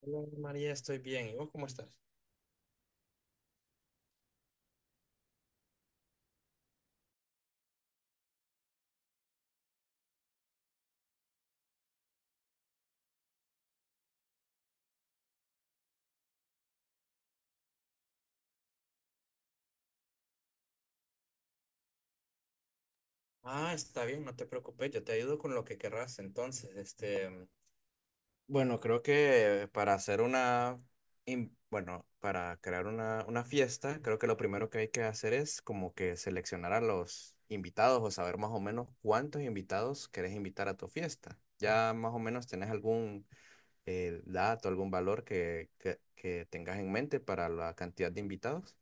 Hola, María, estoy bien. ¿Y vos cómo estás? Ah, está bien, no te preocupes, yo te ayudo con lo que querrás. Entonces, este, bueno, creo que para hacer bueno, para crear una fiesta, creo que lo primero que hay que hacer es como que seleccionar a los invitados o saber más o menos cuántos invitados querés invitar a tu fiesta. Ya más o menos tenés algún dato, algún valor que tengas en mente para la cantidad de invitados.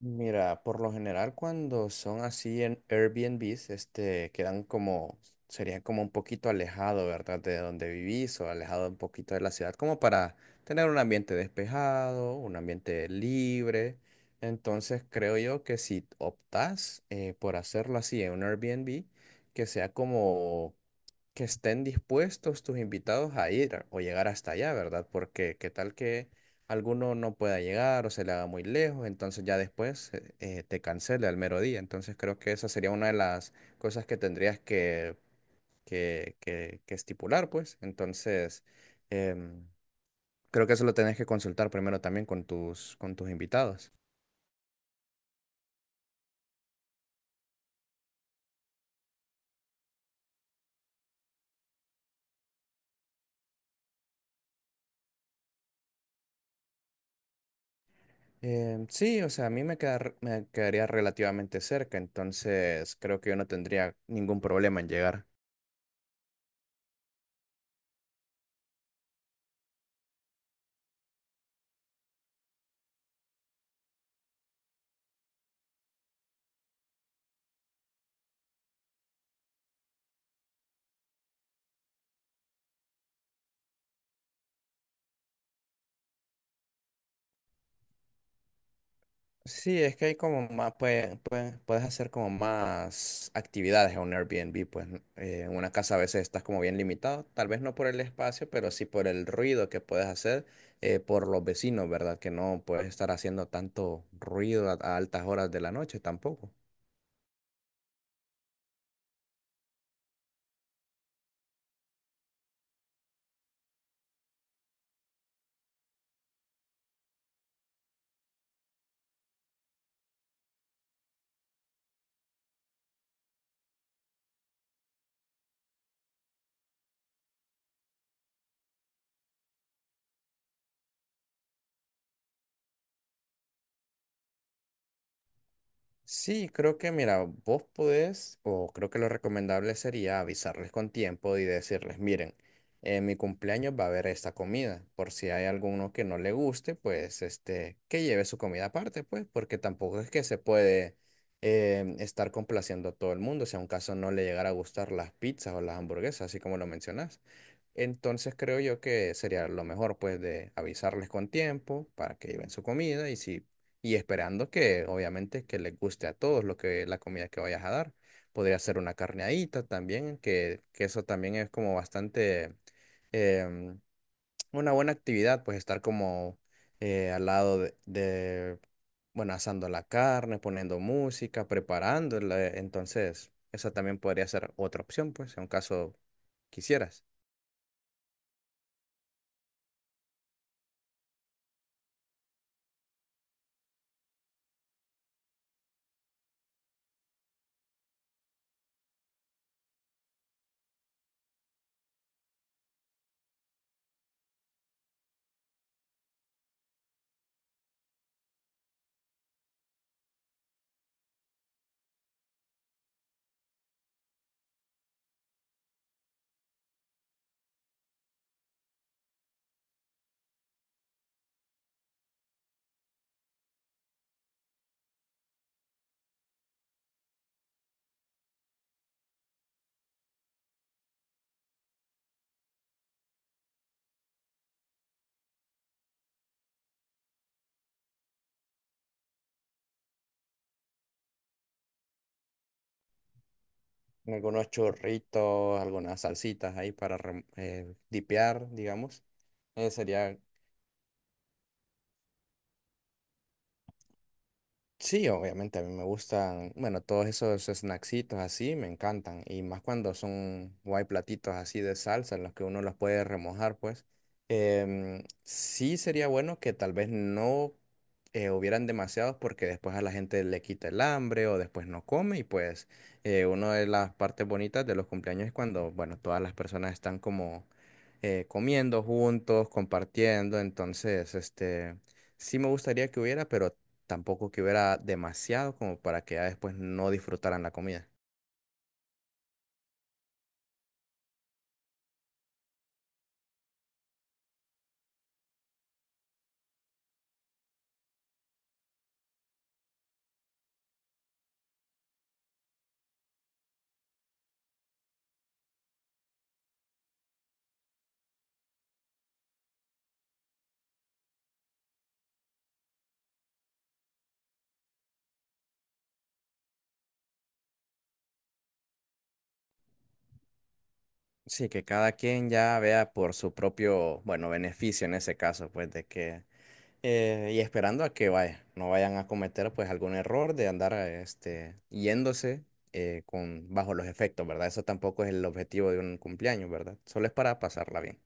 Mira, por lo general cuando son así en Airbnbs, este, quedan como, sería como un poquito alejado, ¿verdad? De donde vivís o alejado un poquito de la ciudad, como para tener un ambiente despejado, un ambiente libre. Entonces creo yo que si optás por hacerlo así en un Airbnb, que sea como que estén dispuestos tus invitados a o llegar hasta allá, ¿verdad? Porque qué tal que alguno no pueda llegar o se le haga muy lejos, entonces ya después te cancele al mero día. Entonces creo que esa sería una de las cosas que tendrías que estipular, pues. Entonces, em, creo que eso lo tenés que consultar primero también con con tus invitados. Em, sí, o sea, a mí me queda me quedaría relativamente cerca, entonces creo que yo no tendría ningún problema en llegar. Sí, es que hay como más, pues, puedes hacer como más actividades en un Airbnb, pues, ¿no? En una casa a veces estás como bien limitado, tal vez no por el espacio, pero sí por el ruido que puedes hacer por los vecinos, ¿verdad? Que no puedes estar haciendo tanto ruido a altas horas de la noche tampoco. Sí, creo que, mira, vos podés, o creo que lo recomendable sería avisarles con tiempo y decirles, miren, en mi cumpleaños va a haber esta comida, por si hay alguno que no le guste, pues, este, que lleve su comida aparte, pues, porque tampoco es que se puede estar complaciendo a todo el mundo, si a un caso no le llegara a gustar las pizzas o las hamburguesas, así como lo mencionás. Entonces creo yo que sería lo mejor, pues, de avisarles con tiempo para que lleven su comida y si y esperando que obviamente que les guste a todos lo que la comida que vayas a dar. Podría ser una carneadita también, que eso también es como bastante em, una buena actividad, pues estar como al lado de, bueno, asando la carne, poniendo música, preparándola. Entonces, esa también podría ser otra opción, pues, en caso quisieras. Algunos churritos, algunas salsitas ahí para dipear, digamos. Sería Sí, obviamente a mí me gustan, bueno, todos esos snacksitos así me encantan y más cuando son o hay platitos así de salsa en los que uno los puede remojar, pues. Em, sí sería bueno que tal vez no hubieran demasiados porque después a la gente le quita el hambre o después no come y pues una de las partes bonitas de los cumpleaños es cuando, bueno, todas las personas están como comiendo juntos, compartiendo, entonces, este, sí me gustaría que hubiera, pero tampoco que hubiera demasiado como para que ya después no disfrutaran la comida. Sí, que cada quien ya vea por su propio, bueno, beneficio en ese caso, pues de que, y esperando a que vaya, no vayan a cometer pues algún error de andar este, yéndose con, bajo los efectos, ¿verdad? Eso tampoco es el objetivo de un cumpleaños, ¿verdad? Solo es para pasarla bien.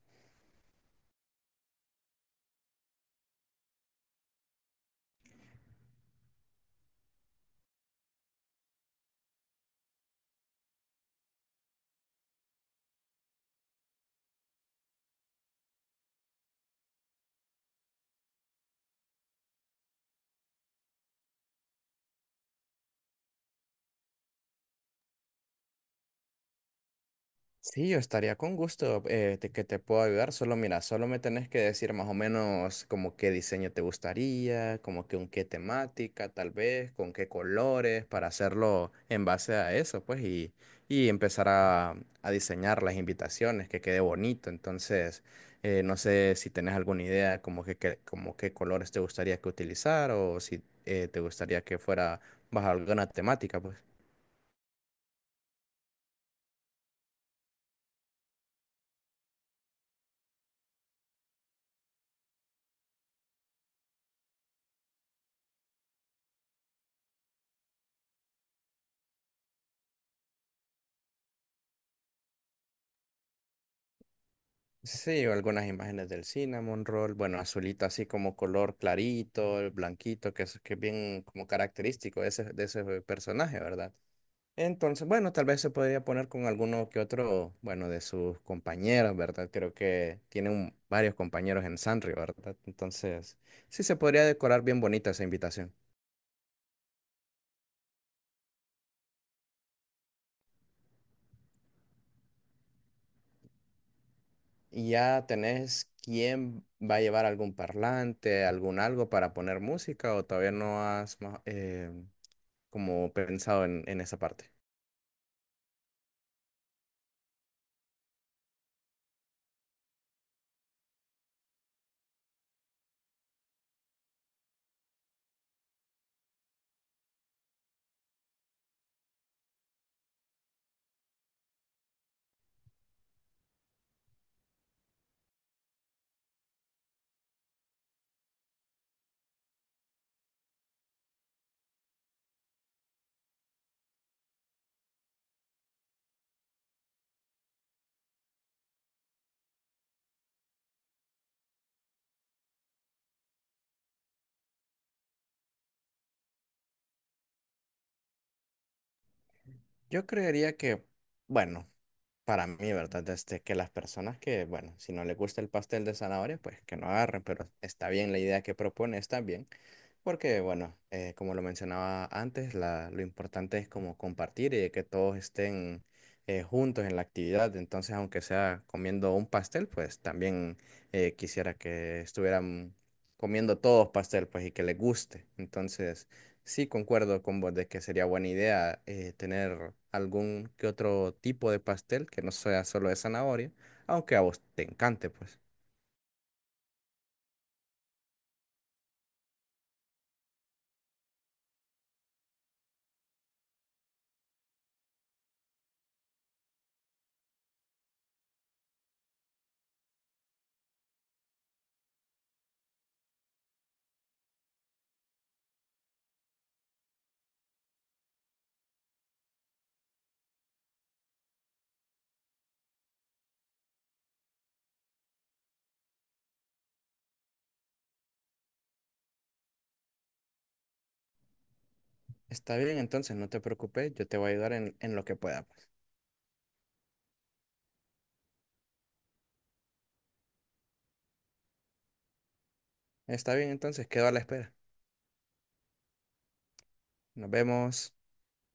Sí, yo estaría con gusto que te puedo ayudar. Solo mira, solo me tenés que decir más o menos como qué diseño te gustaría, como que con qué temática, tal vez, con qué colores, para hacerlo en base a eso, pues, y empezar a diseñar las invitaciones, que quede bonito. Entonces, no sé si tenés alguna idea como como qué colores te gustaría que utilizar o si te gustaría que fuera bajo alguna temática, pues. Sí, o algunas imágenes del cinnamon roll, bueno, azulito así como color clarito, el blanquito, que es bien como característico de ese personaje, ¿verdad? Entonces, bueno, tal vez se podría poner con alguno que otro, bueno, de sus compañeros, ¿verdad? Creo que tiene varios compañeros en Sanrio, ¿verdad? Entonces, sí se podría decorar bien bonita esa invitación. Y ya tenés quién va a llevar algún parlante, algún algo para poner música, o todavía no has como pensado en esa parte. Yo creería que, bueno, para mí, ¿verdad? Este, que las personas que, bueno, si no les gusta el pastel de zanahoria, pues que no agarren, pero está bien la idea que propone, está bien, porque, bueno, como lo mencionaba antes, lo importante es como compartir y de que todos estén juntos en la actividad, entonces aunque sea comiendo un pastel, pues también quisiera que estuvieran comiendo todos pastel, pues y que les guste, entonces, sí, concuerdo con vos de que sería buena idea tener algún que otro tipo de pastel que no sea solo de zanahoria, aunque a vos te encante, pues. Está bien, entonces, no te preocupes, yo te voy a ayudar en lo que pueda, pues. Está bien, entonces, quedo a la espera. Nos vemos.